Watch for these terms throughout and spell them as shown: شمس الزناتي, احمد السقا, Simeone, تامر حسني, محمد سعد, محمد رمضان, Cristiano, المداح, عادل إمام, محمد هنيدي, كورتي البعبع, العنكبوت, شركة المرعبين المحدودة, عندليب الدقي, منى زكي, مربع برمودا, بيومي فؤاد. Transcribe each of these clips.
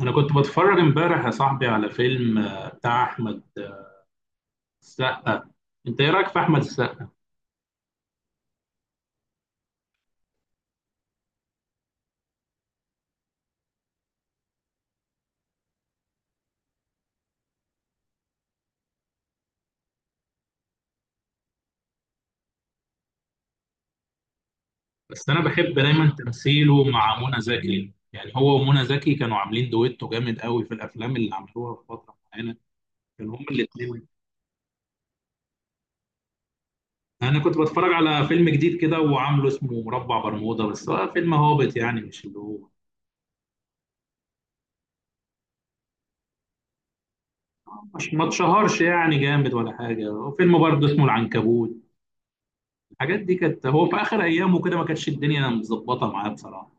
انا كنت بتفرج امبارح يا صاحبي على فيلم بتاع احمد السقا. انت ايه رايك في احمد السقا؟ بس انا بحب دايما تمثيله مع منى زكي، يعني هو ومنى زكي كانوا عاملين دويتو جامد قوي في الافلام اللي عملوها في فتره معينه. كانوا هما الاثنين. انا كنت بتفرج على فيلم جديد كده وعامله اسمه مربع برمودا، بس هو فيلم هابط يعني، مش اللي هو مش ما اتشهرش يعني جامد ولا حاجه. وفيلم برضه اسمه العنكبوت، الحاجات دي كانت هو في اخر ايامه كده، ما كانتش الدنيا مظبطه معاه بصراحه.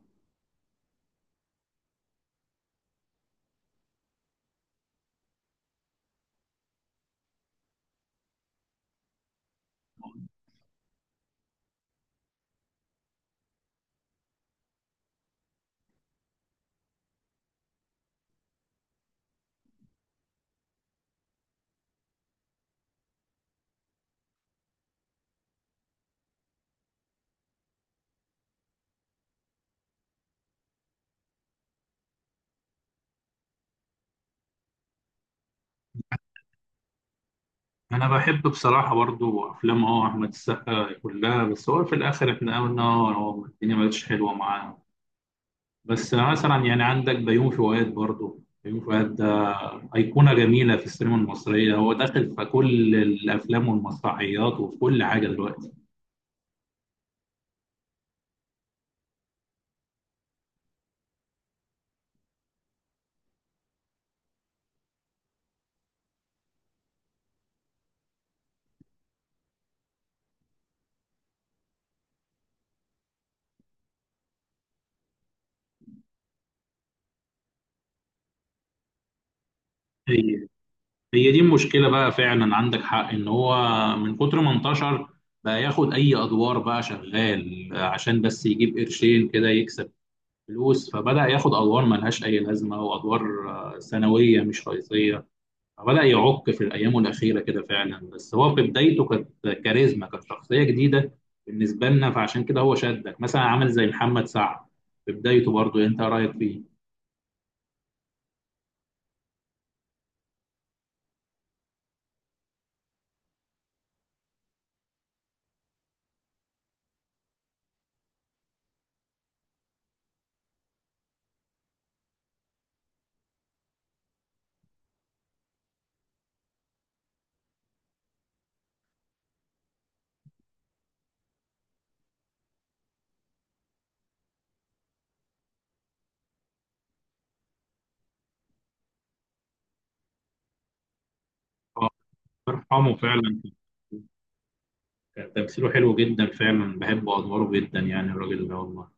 انا بحب بصراحه برضو افلام احمد السقا كلها، بس هو في الاخر احنا قلنا هو الدنيا ما بقتش حلوه معاه. بس مثلا يعني عندك بيومي فؤاد، برضو بيومي فؤاد ده ايقونه جميله في السينما المصريه، هو داخل في كل الافلام والمسرحيات وفي كل حاجه دلوقتي. هي هي دي المشكله بقى، فعلا عندك حق ان هو من كتر ما انتشر بقى ياخد اي ادوار، بقى شغال عشان بس يجيب قرشين كده يكسب فلوس. فبدأ ياخد أدوار ملهاش أي لازمة، وأدوار ثانوية مش رئيسية. فبدأ يعق في أيامه الأخيرة كده فعلا، بس هو في بدايته كانت كاريزما، كانت شخصية جديدة بالنسبة لنا. فعشان كده هو شدك. مثلا عامل زي محمد سعد في بدايته، برضو أنت رأيك فيه؟ آه، ارحمه فعلا. كان تمثيله حلو جدا فعلا، بحب أدواره جدا يعني، الراجل ده والله.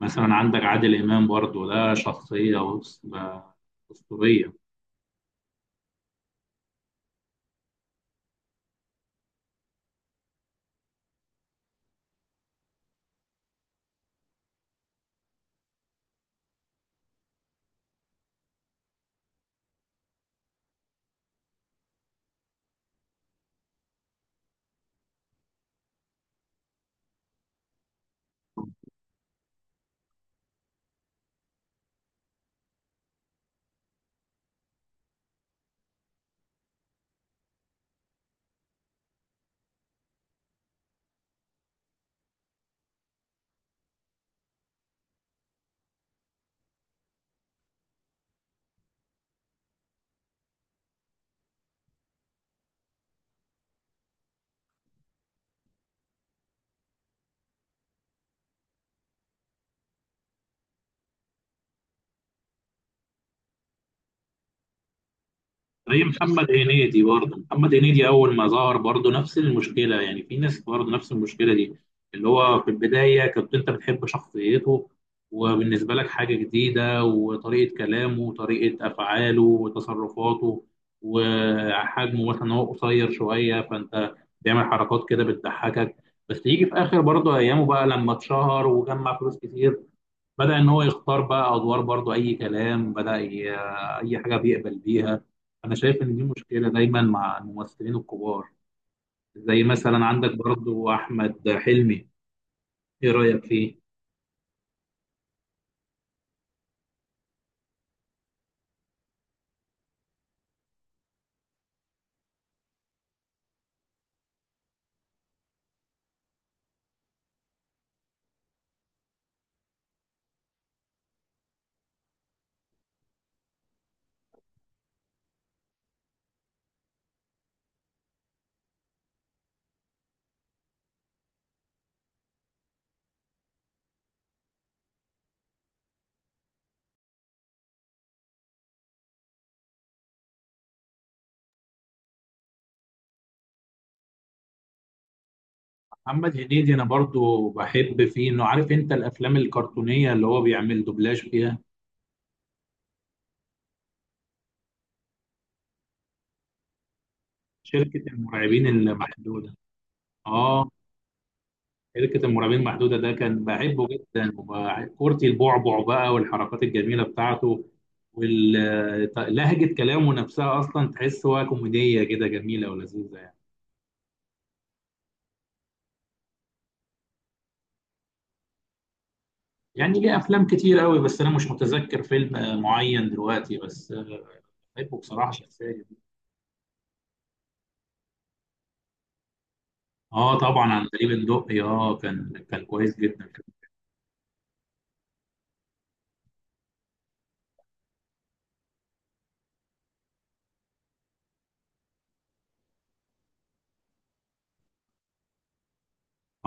مثلا عندك عادل إمام برضو، ده شخصية أسطورية. زي محمد هنيدي برضه، محمد هنيدي اول ما ظهر برضه نفس المشكله، يعني في ناس برضه نفس المشكله دي. اللي هو في البدايه كنت انت بتحب شخصيته، وبالنسبه لك حاجه جديده، وطريقه كلامه وطريقه افعاله وتصرفاته، وحجمه مثلا هو قصير شويه، فانت بيعمل حركات كده بتضحكك. بس يجي في اخر برضه ايامه بقى لما اتشهر وجمع فلوس كتير، بدأ إن هو يختار بقى أدوار برضو أي كلام. أي حاجة بيقبل بيها. أنا شايف إن دي مشكلة دايما مع الممثلين الكبار، زي مثلا عندك برضو أحمد حلمي. إيه رأيك فيه؟ محمد هنيدي أنا برضو بحب فيه إنه، عارف أنت الأفلام الكرتونية اللي هو بيعمل دوبلاج فيها، شركة المرعبين المحدودة. آه. شركة المرعبين المحدودة ده كان بحبه جدا، كورتي البعبع بقى والحركات الجميلة بتاعته، ولهجة كلامه نفسها أصلا تحس هو كوميدية كده جميلة ولذيذة يعني. يعني ليه أفلام كتير قوي، بس أنا مش متذكر فيلم معين دلوقتي، بس بحبه بصراحة شخصيا. آه طبعا، عندليب الدقي، كان كويس جدا.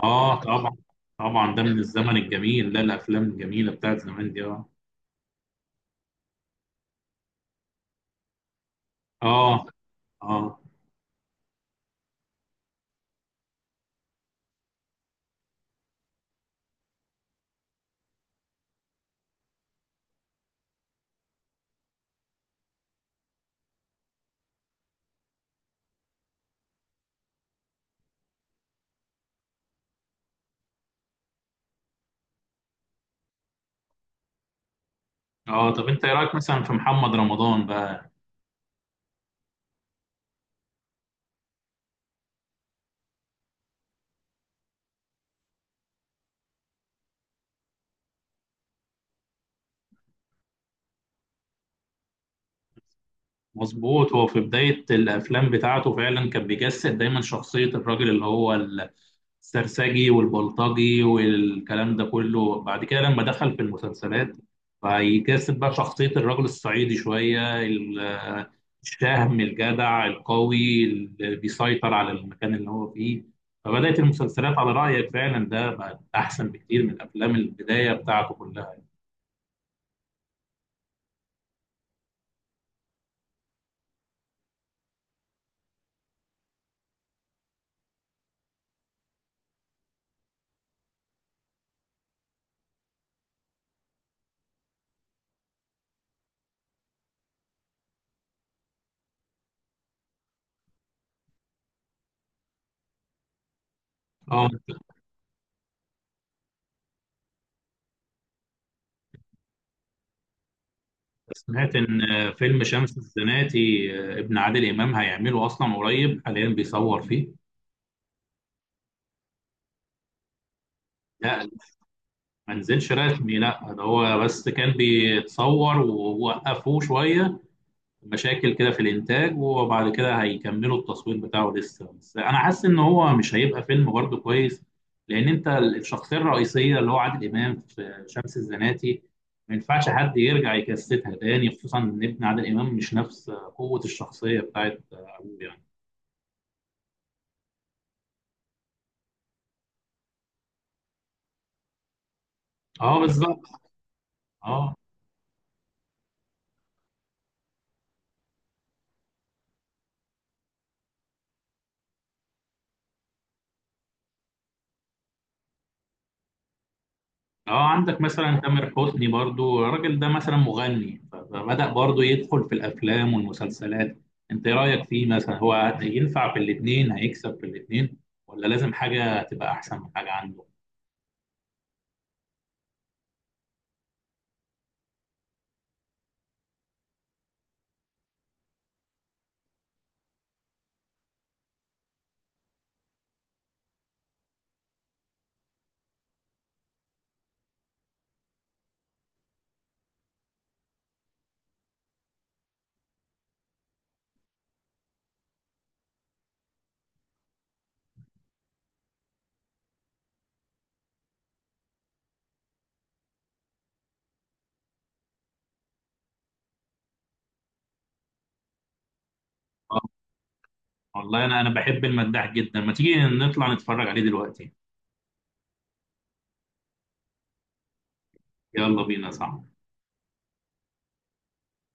آه طبعا، طبعا ده من الزمن الجميل، لا الأفلام الجميلة بتاعت زمان دي. آه، آه، اه. طب انت ايه رايك مثلا في محمد رمضان بقى؟ مظبوط، هو في بداية الأفلام بتاعته فعلا كان بيجسد دايما شخصية الراجل اللي هو السرسجي والبلطجي والكلام ده كله. بعد كده لما دخل في المسلسلات فيجسد بقى شخصية الراجل الصعيدي شوية، الشهم الجدع القوي اللي بيسيطر على المكان اللي هو فيه. فبدأت المسلسلات على رأيك فعلا ده بقت أحسن بكتير من أفلام البداية بتاعته كلها. اه، سمعت إن فيلم شمس الزناتي ابن عادل إمام هيعمله أصلا قريب، حاليا بيصور فيه. لا، ما نزلش رسمي، لا ده هو بس كان بيتصور ووقفوه شوية، مشاكل كده في الإنتاج، وبعد كده هيكملوا التصوير بتاعه لسه. بس أنا حاسس إن هو مش هيبقى فيلم برضه كويس، لأن أنت الشخصية الرئيسية اللي هو عادل إمام في شمس الزناتي ما ينفعش حد يرجع يكستها تاني، خصوصا إن ابن عادل إمام مش نفس قوة الشخصية بتاعت أبوه يعني. اه بالظبط. اه. اه، عندك مثلا تامر حسني برضو، الراجل ده مثلا مغني فبدأ برضو يدخل في الافلام والمسلسلات. انت ايه رايك فيه؟ مثلا هو ينفع في الاثنين، هيكسب في الاثنين، ولا لازم حاجه تبقى احسن من حاجه عنده؟ اه، والله انا بحب المداح جدا، ما تيجي نطلع نتفرج عليه دلوقتي. يلا بينا، صح.